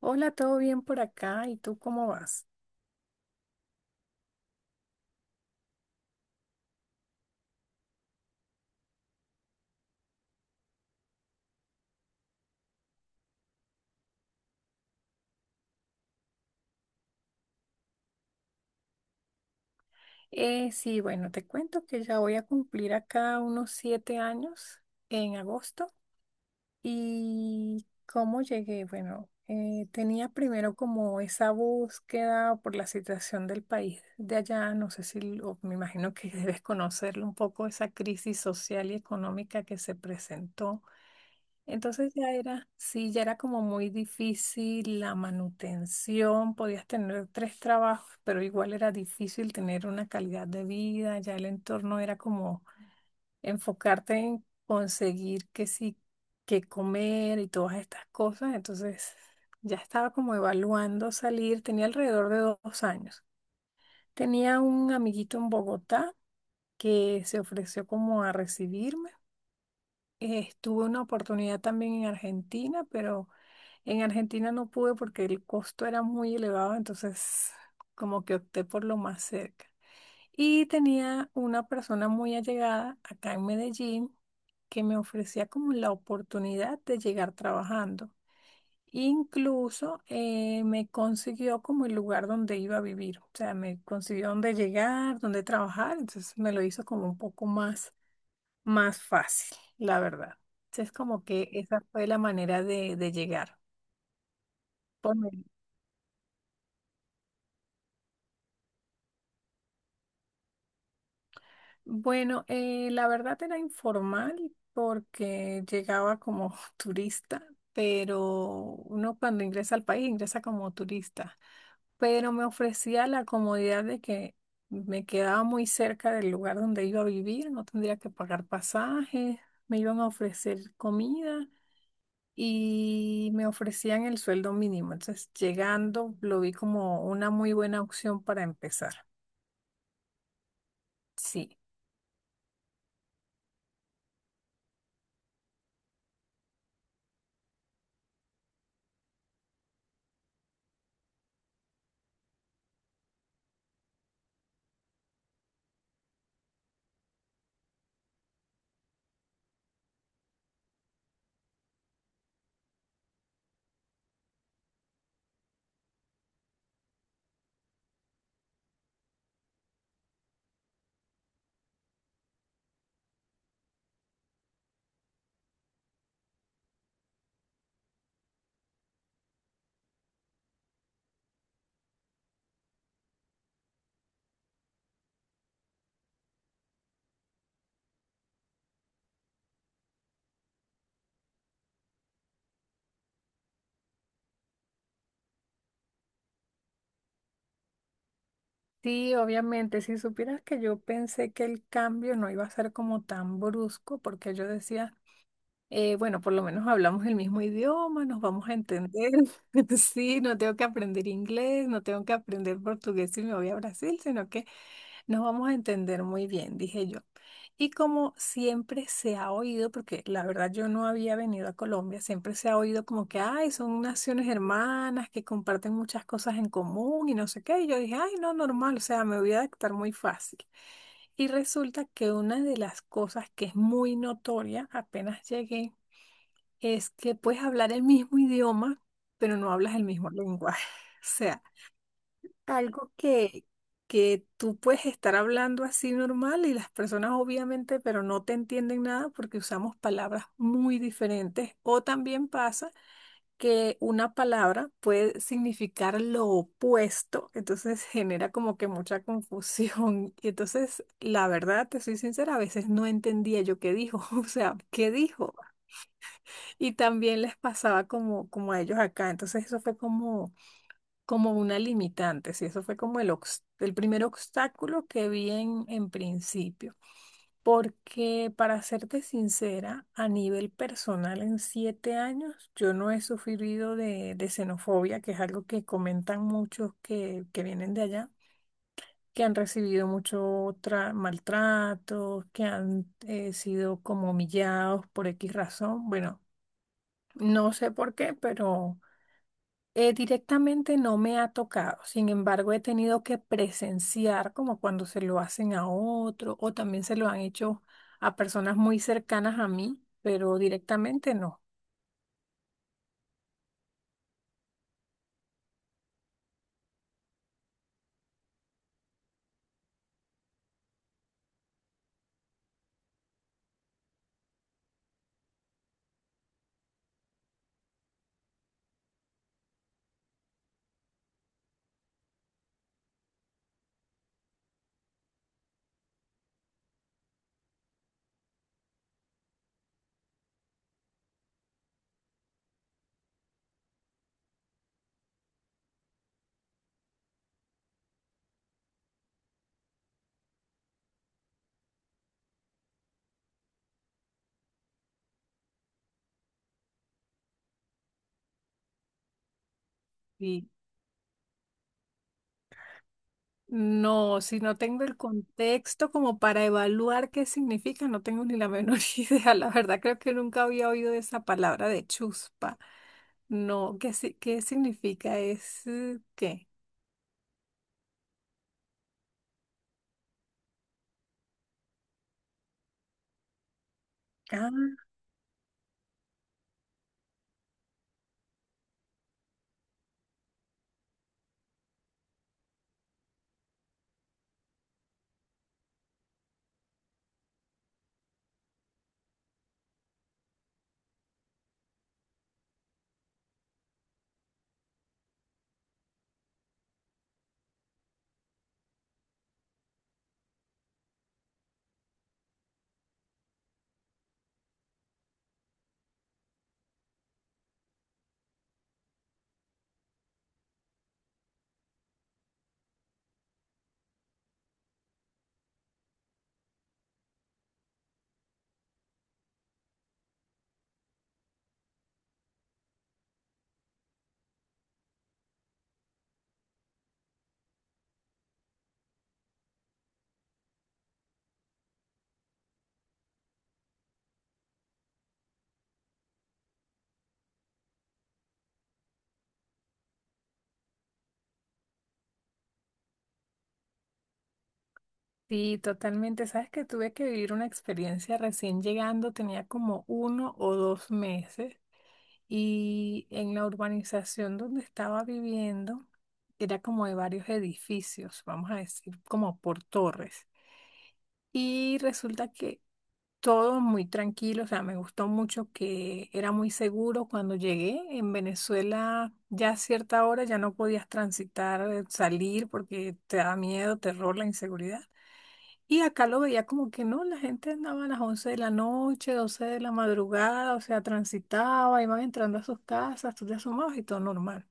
Hola, ¿todo bien por acá? ¿Y tú cómo vas? Sí, bueno, te cuento que ya voy a cumplir acá unos 7 años en agosto. ¿Y cómo llegué? Bueno, tenía primero como esa búsqueda por la situación del país de allá. No sé si, me imagino que debes conocerlo un poco, esa crisis social y económica que se presentó. Entonces ya era, sí, ya era como muy difícil la manutención, podías tener tres trabajos, pero igual era difícil tener una calidad de vida, ya el entorno era como enfocarte en conseguir que sí, que comer y todas estas cosas, entonces ya estaba como evaluando salir, tenía alrededor de 2 años. Tenía un amiguito en Bogotá que se ofreció como a recibirme. Tuve una oportunidad también en Argentina, pero en Argentina no pude porque el costo era muy elevado, entonces como que opté por lo más cerca. Y tenía una persona muy allegada acá en Medellín que me ofrecía como la oportunidad de llegar trabajando. Incluso me consiguió como el lugar donde iba a vivir, o sea, me consiguió donde llegar, donde trabajar, entonces me lo hizo como un poco más fácil, la verdad. Entonces, como que esa fue la manera de llegar. por medio- Bueno, la verdad era informal porque llegaba como turista, pero uno cuando ingresa al país ingresa como turista. Pero me ofrecía la comodidad de que me quedaba muy cerca del lugar donde iba a vivir, no tendría que pagar pasajes, me iban a ofrecer comida y me ofrecían el sueldo mínimo. Entonces, llegando, lo vi como una muy buena opción para empezar. Sí, sí, obviamente, si supieras que yo pensé que el cambio no iba a ser como tan brusco, porque yo decía, bueno, por lo menos hablamos el mismo idioma, nos vamos a entender. Sí, no tengo que aprender inglés, no tengo que aprender portugués si me voy a Brasil, sino que nos vamos a entender muy bien, dije yo. Y como siempre se ha oído, porque la verdad yo no había venido a Colombia, siempre se ha oído como que, ay, son naciones hermanas que comparten muchas cosas en común y no sé qué. Y yo dije, ay, no, normal, o sea, me voy a adaptar muy fácil. Y resulta que una de las cosas que es muy notoria apenas llegué es que puedes hablar el mismo idioma, pero no hablas el mismo lenguaje. O sea, algo que tú puedes estar hablando así normal y las personas obviamente, pero no te entienden nada porque usamos palabras muy diferentes. O también pasa que una palabra puede significar lo opuesto, entonces genera como que mucha confusión. Y entonces, la verdad, te soy sincera, a veces no entendía yo qué dijo, o sea, qué dijo. Y también les pasaba como a ellos acá. Entonces, eso fue como una limitante, sí, eso fue como el primer obstáculo que vi en principio, porque para serte sincera, a nivel personal en 7 años yo no he sufrido de xenofobia, que es algo que comentan muchos que vienen de allá, que han recibido mucho maltrato, que han sido como humillados por X razón, bueno, no sé por qué, pero... Directamente no me ha tocado, sin embargo he tenido que presenciar como cuando se lo hacen a otro o también se lo han hecho a personas muy cercanas a mí, pero directamente no. Y no, si no tengo el contexto como para evaluar qué significa, no tengo ni la menor idea. La verdad creo que nunca había oído de esa palabra de chuspa. No, ¿qué, si- qué significa? ¿Es qué? Sí, totalmente. Sabes que tuve que vivir una experiencia recién llegando, tenía como 1 o 2 meses y en la urbanización donde estaba viviendo era como de varios edificios, vamos a decir, como por torres. Y resulta que todo muy tranquilo, o sea, me gustó mucho que era muy seguro cuando llegué. En Venezuela ya a cierta hora ya no podías transitar, salir porque te daba miedo, terror, la inseguridad. Y acá lo veía como que no, la gente andaba a las 11 de la noche, 12 de la madrugada, o sea, transitaba, iban entrando a sus casas, tú te asomabas y todo normal.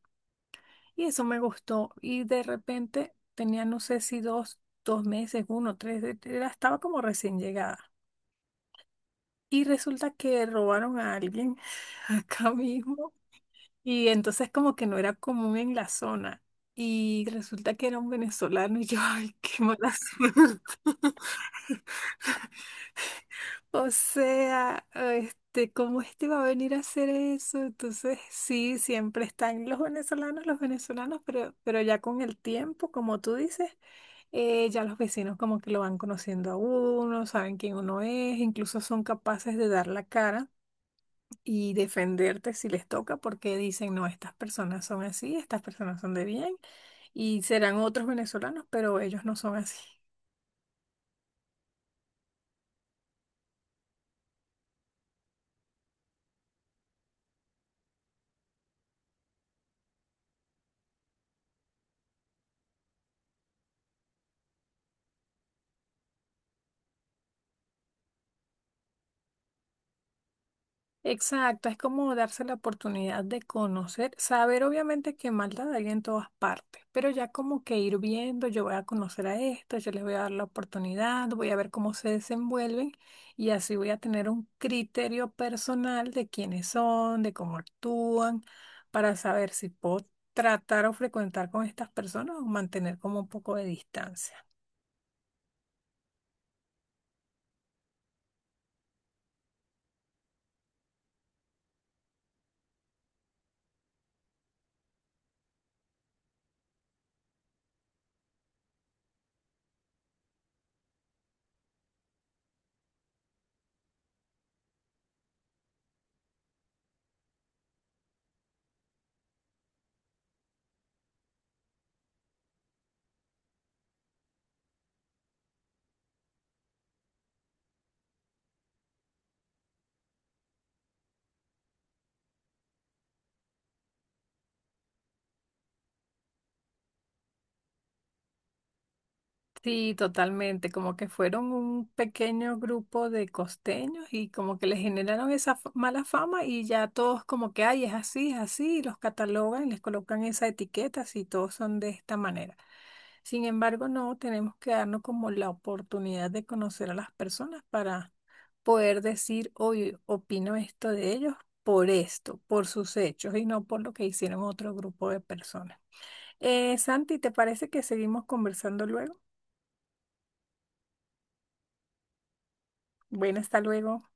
Y eso me gustó. Y de repente tenía, no sé si dos, dos meses, uno, tres, estaba como recién llegada. Y resulta que robaron a alguien acá mismo. Y entonces como que no era común en la zona. Y resulta que era un venezolano y yo, ay, qué mala suerte. O sea, este, ¿cómo este va a venir a hacer eso? Entonces, sí, siempre están los venezolanos, pero ya con el tiempo, como tú dices, ya los vecinos como que lo van conociendo a uno, saben quién uno es, incluso son capaces de dar la cara y defenderte si les toca, porque dicen, no, estas personas son así, estas personas son de bien, y serán otros venezolanos, pero ellos no son así. Exacto, es como darse la oportunidad de conocer, saber obviamente que maldad hay en todas partes, pero ya como que ir viendo, yo voy a conocer a esto, yo les voy a dar la oportunidad, voy a ver cómo se desenvuelven y así voy a tener un criterio personal de quiénes son, de cómo actúan, para saber si puedo tratar o frecuentar con estas personas o mantener como un poco de distancia. Sí, totalmente, como que fueron un pequeño grupo de costeños y como que les generaron esa mala fama y ya todos como que, ay, es así, y los catalogan, y les colocan esa etiqueta, si todos son de esta manera. Sin embargo, no tenemos que darnos como la oportunidad de conocer a las personas para poder decir, oye, opino esto de ellos por esto, por sus hechos y no por lo que hicieron otro grupo de personas. Santi, ¿te parece que seguimos conversando luego? Bueno, hasta luego.